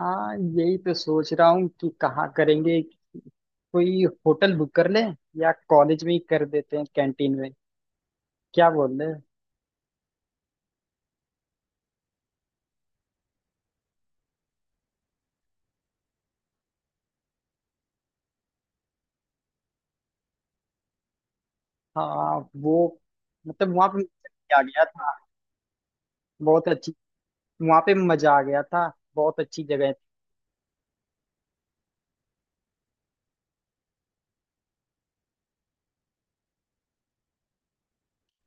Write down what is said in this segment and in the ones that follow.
हाँ, यही तो सोच रहा हूँ कि कहाँ करेंगे। कोई होटल बुक कर लें, या कॉलेज में ही कर देते हैं कैंटीन में। क्या बोल रहे हैं? हाँ, वो मतलब वहाँ पे मजा आ गया था। बहुत अच्छी। वहाँ पे मजा आ गया था। बहुत अच्छी जगह है।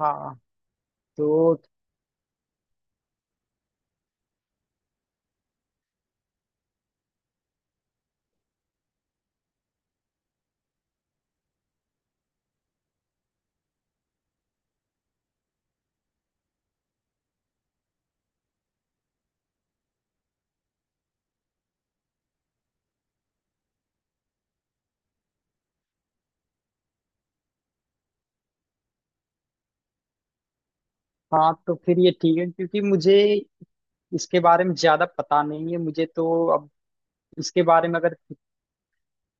हाँ तो हाँ, तो फिर ये ठीक है, क्योंकि मुझे इसके बारे में ज्यादा पता नहीं है। मुझे तो अब इसके बारे में अगर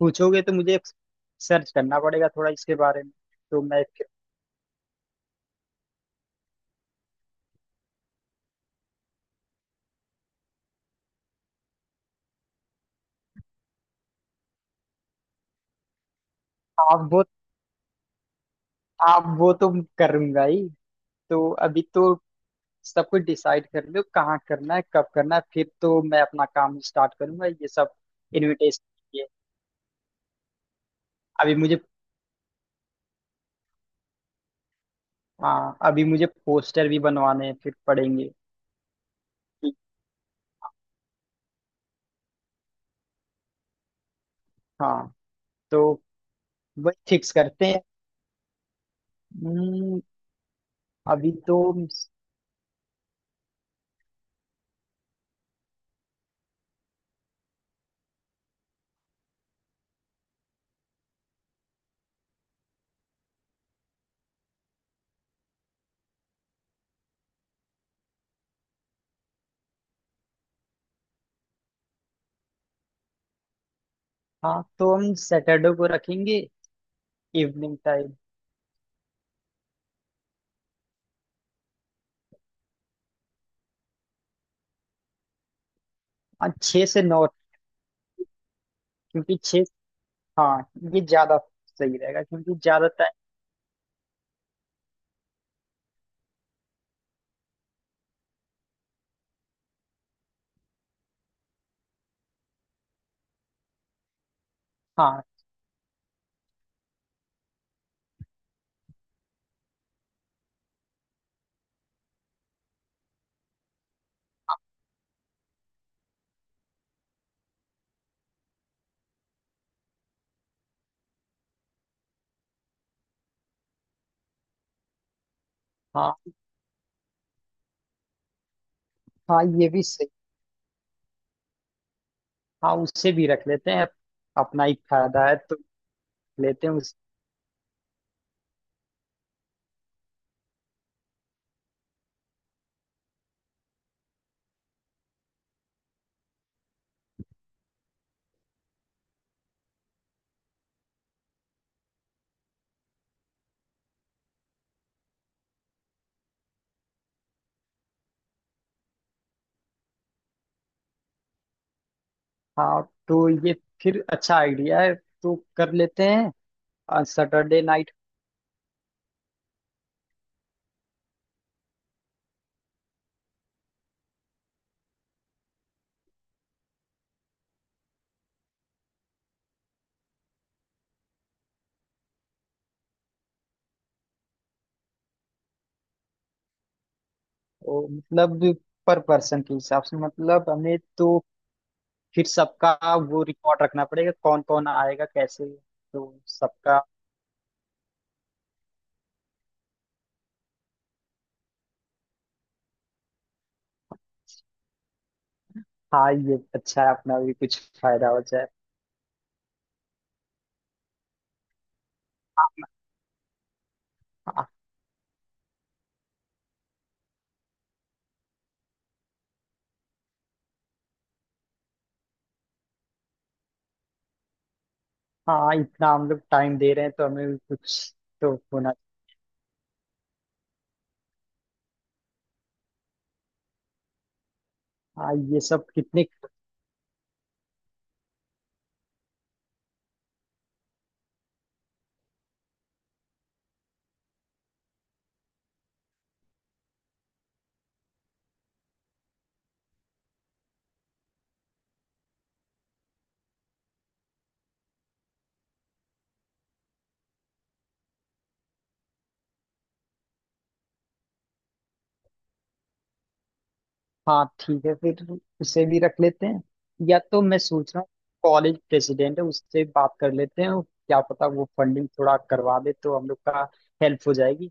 पूछोगे तो मुझे सर्च करना पड़ेगा थोड़ा इसके बारे में। तो मैं फिर आप बहुत, आप वो तो करूंगा ही। तो अभी तो सब कुछ डिसाइड कर लो कहाँ करना है, कब करना है, फिर तो मैं अपना काम स्टार्ट करूंगा ये सब इनविटेशन के लिए। अभी मुझे, हाँ अभी मुझे पोस्टर भी बनवाने हैं, फिर पड़ेंगे। ठीक, हाँ तो वही फिक्स करते हैं। हम्म, अभी तो हाँ तो हम सैटरडे को रखेंगे, इवनिंग टाइम। हाँ, छः से नौ, क्योंकि छः हाँ ये ज्यादा सही रहेगा क्योंकि ज्यादा टाइम। हाँ, हाँ। हाँ, ये भी। हाँ, उससे भी रख लेते हैं, अपना ही फायदा है तो। लेते हैं उस हाँ तो ये फिर अच्छा आइडिया है। तो कर लेते हैं सैटरडे नाइट। मतलब पर पर्सन के हिसाब से, मतलब हमें तो फिर सबका वो रिकॉर्ड रखना पड़ेगा कौन कौन आएगा कैसे। तो सबका हाँ, ये अच्छा है, अपना भी कुछ फायदा हो जाए। हाँ। हाँ, इतना हम लोग टाइम दे रहे हैं तो हमें भी कुछ तो होना। हाँ, ये सब कितने। हाँ ठीक है, फिर उसे भी रख लेते हैं। या तो मैं सोच रहा हूँ कॉलेज प्रेसिडेंट है, उससे बात कर लेते हैं, और क्या पता वो फंडिंग थोड़ा करवा दे तो हम लोग का हेल्प हो जाएगी।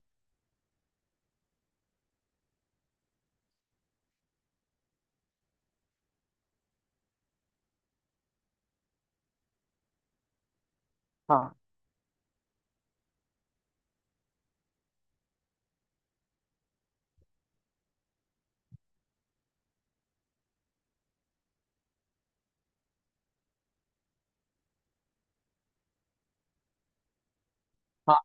हाँ। हाँ।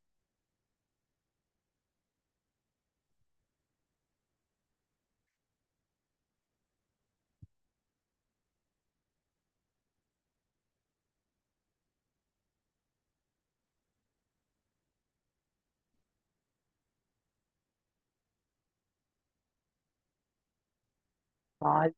हाँ।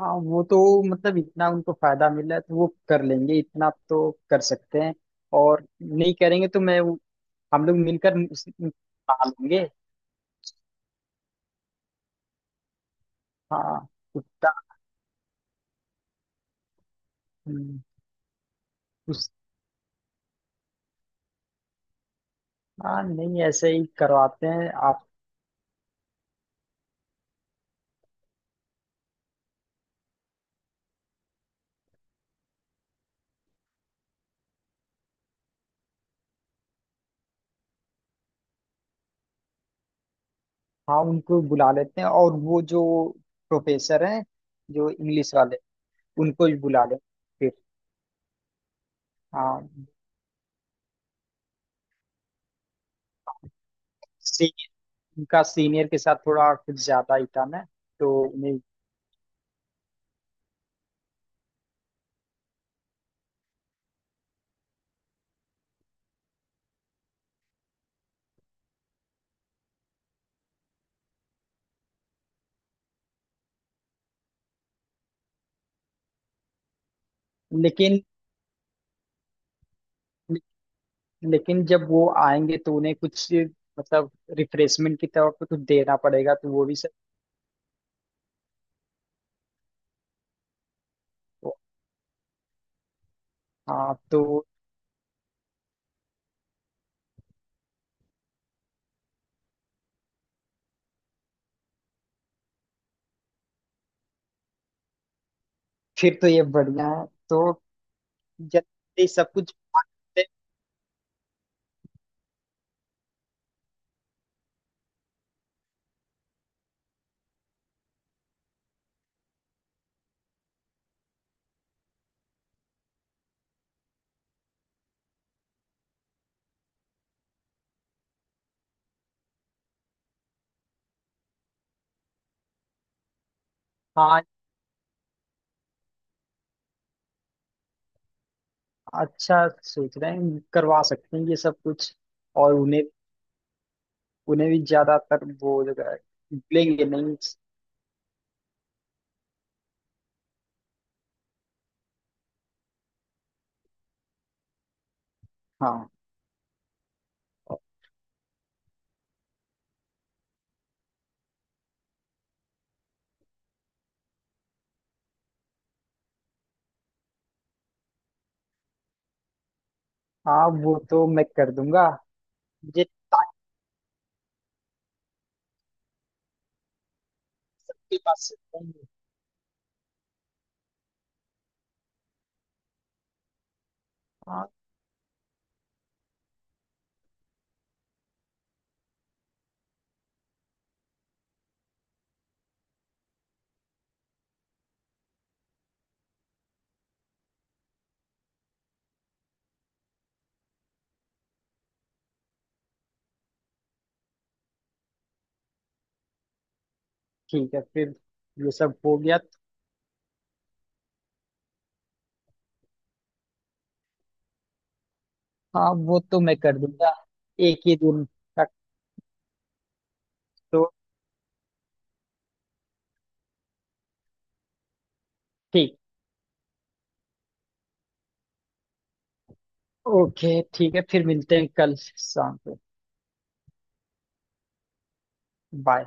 हाँ, वो तो मतलब इतना उनको फायदा मिल रहा है तो वो कर लेंगे, इतना तो कर सकते हैं। और नहीं करेंगे तो मैं हम लोग मिलकर उस- पालेंगे। हाँ। उसका हम्म, उस हाँ, नहीं ऐसे ही करवाते हैं आप। हाँ, उनको बुला लेते हैं, और वो जो प्रोफेसर हैं, जो इंग्लिश वाले, उनको भी बुला लें। फिर हाँ, सी, उनका सीनियर के साथ थोड़ा कुछ ज्यादा ही था ना। तो उन्हें लेकिन लेकिन जब वो आएंगे तो उन्हें कुछ मतलब रिफ्रेशमेंट की तरफ तो कुछ देना पड़ेगा, तो वो भी सब तो, हाँ तो फिर तो ये बढ़िया है तो जल्दी सब कुछ। हाँ, अच्छा सोच रहे हैं, करवा सकते हैं ये सब कुछ। और उन्हें, उन्हें भी ज्यादातर वो जो है लेंगे नहीं। हाँ। हाँ, वो तो मैं कर दूंगा, मुझे ताकि के पास से चाहिए। हाँ ठीक है, फिर ये सब हो गया। हाँ, वो तो मैं कर दूंगा एक ही दिन तक तो। ठीक। ओके ठीक है, फिर मिलते हैं कल शाम को। बाय।